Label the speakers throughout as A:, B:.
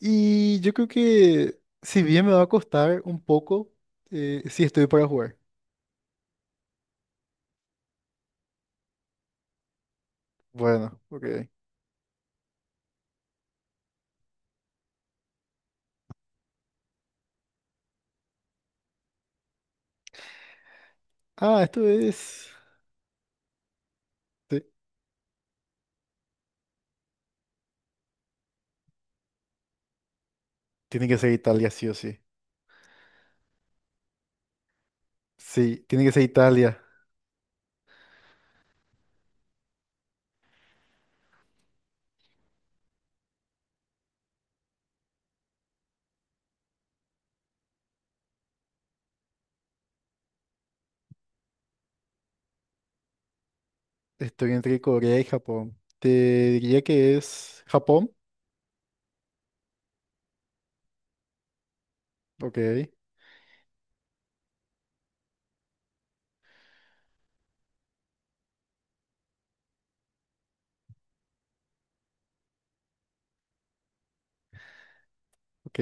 A: Y yo creo que si bien me va a costar un poco, sí estoy para jugar. Bueno, ok. Ah, esto es... sí, tiene que ser Italia, sí o sí. Sí, tiene que ser Italia. Estoy entre Corea y Japón. Te diría que es Japón. Ok, ok.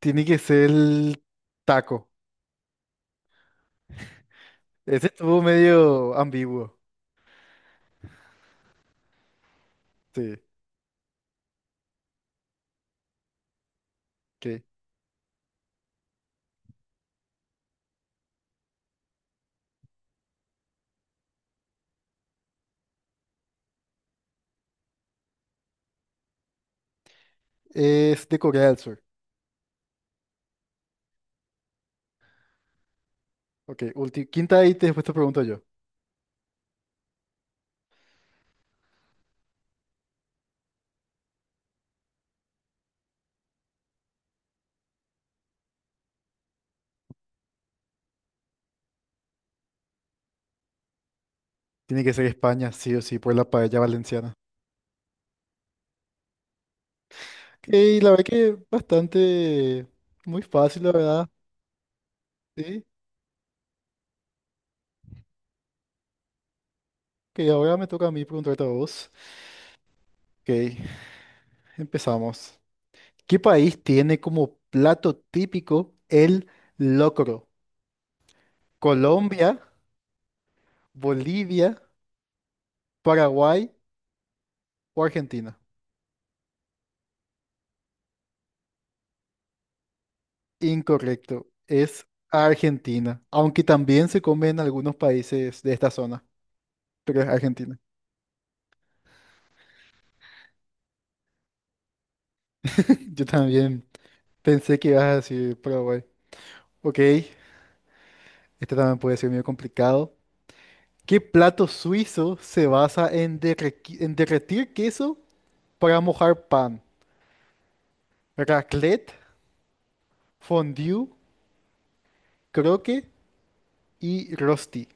A: Tiene que ser el taco. Ese estuvo medio ambiguo. Sí, ok. Es de Corea del Sur. Ok, quinta y después te pregunto yo. Tiene que ser España, sí o sí, por la paella valenciana. Y la verdad que bastante, muy fácil, la verdad. Sí, que ahora me toca a mí preguntarte a vos. Ok, empezamos. ¿Qué país tiene como plato típico el locro? ¿Colombia, Bolivia, Paraguay o Argentina? Incorrecto, es Argentina, aunque también se come en algunos países de esta zona, pero es Argentina. Yo también pensé que ibas a decir Paraguay. Ok, este también puede ser medio complicado. ¿Qué plato suizo se basa en, en derretir queso para mojar pan? Raclette, fondue, croque y rosti.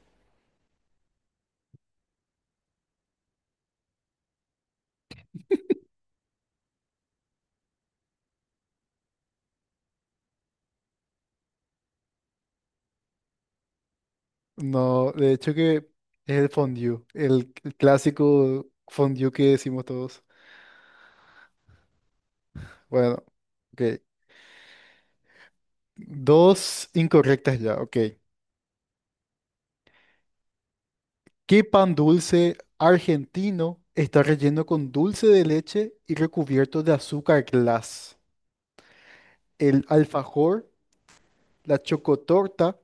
A: No, de hecho que es el fondue, el clásico fondue que decimos todos. Bueno, ok. Dos incorrectas ya, ok. ¿Qué pan dulce argentino está relleno con dulce de leche y recubierto de azúcar glass? ¿El alfajor, la chocotorta?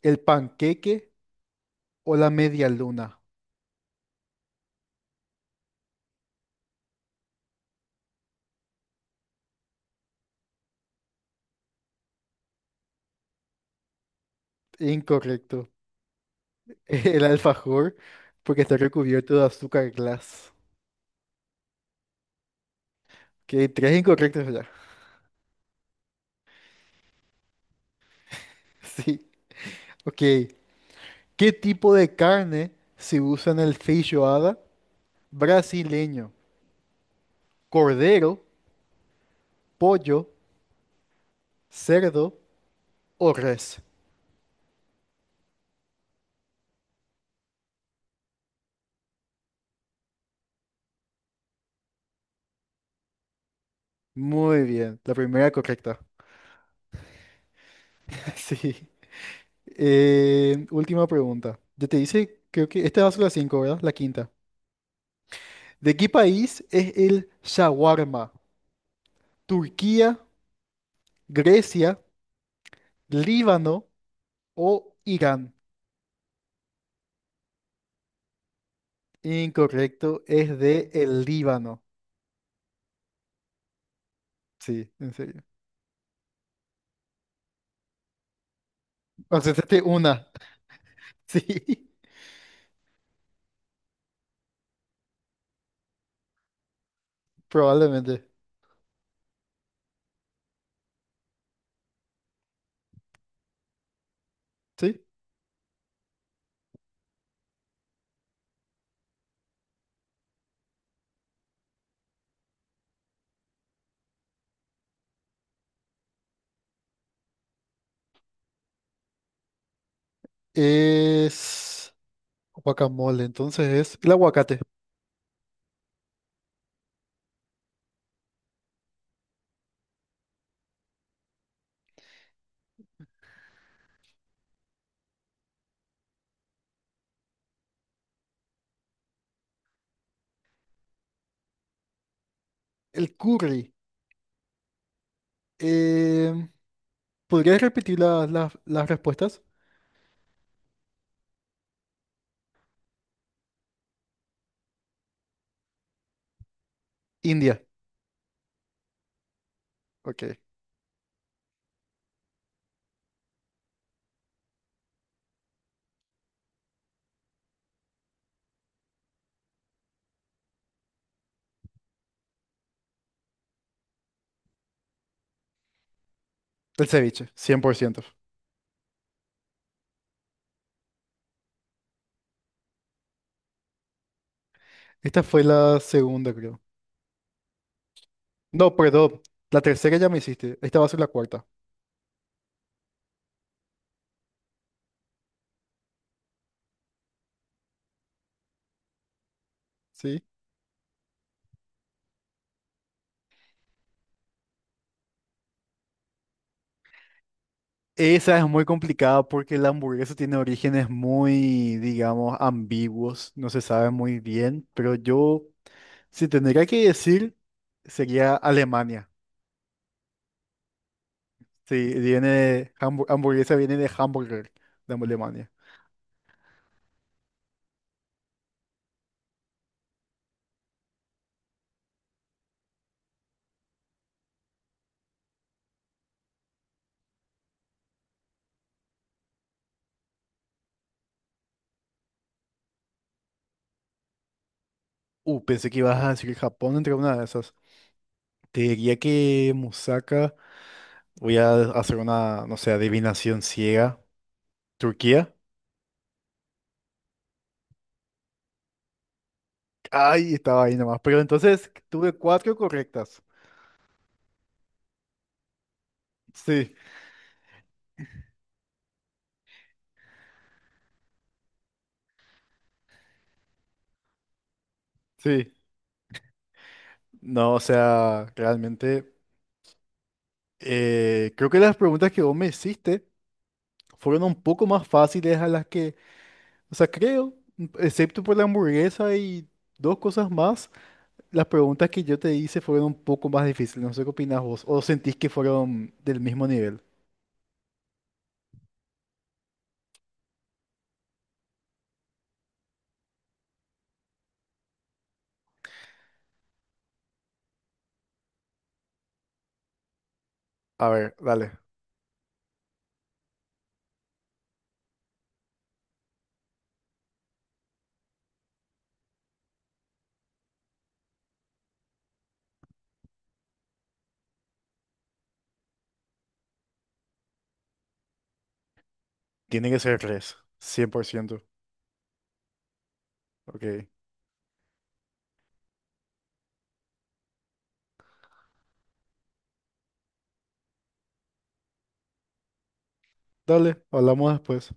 A: ¿El panqueque o la media luna? Incorrecto. El alfajor, porque está recubierto de azúcar glass. Que tres incorrectos ya. Sí. Ok. ¿Qué tipo de carne se usa en el feijoada brasileño? ¿Cordero, pollo, cerdo o res? Muy bien. La primera correcta. Sí. Última pregunta. Yo te hice, creo que esta va a ser la cinco, ¿verdad? La quinta. ¿De qué país es el shawarma? Turquía, Grecia, Líbano o Irán. Incorrecto, es de el Líbano. Sí, en serio. O sea, este una. Sí, probablemente. Sí. Es guacamole, entonces es el aguacate. El curry. Em, ¿Podrías repetir las respuestas? India. Ok. El ceviche, 100%. Esta fue la segunda, creo. No, perdón. La tercera ya me hiciste. Esta va a ser la cuarta. ¿Sí? Esa es muy complicada porque la hamburguesa tiene orígenes muy, digamos, ambiguos, no se sabe muy bien, pero yo, si tendría que decir, sería Alemania. Sí, viene, hamburguesa viene de hamburger, de Alemania. Pensé que ibas a decir Japón entre una de esas. Te diría que Musaka, voy a hacer una, no sé, adivinación ciega. Turquía. Ay, estaba ahí nomás, pero entonces tuve cuatro correctas. Sí, sí. No, o sea, realmente creo que las preguntas que vos me hiciste fueron un poco más fáciles a las que, o sea, creo, excepto por la hamburguesa y dos cosas más, las preguntas que yo te hice fueron un poco más difíciles. No sé qué opinás vos, o sentís que fueron del mismo nivel. A ver, dale, tiene que ser tres, 100%. Ok, dale, hablamos después.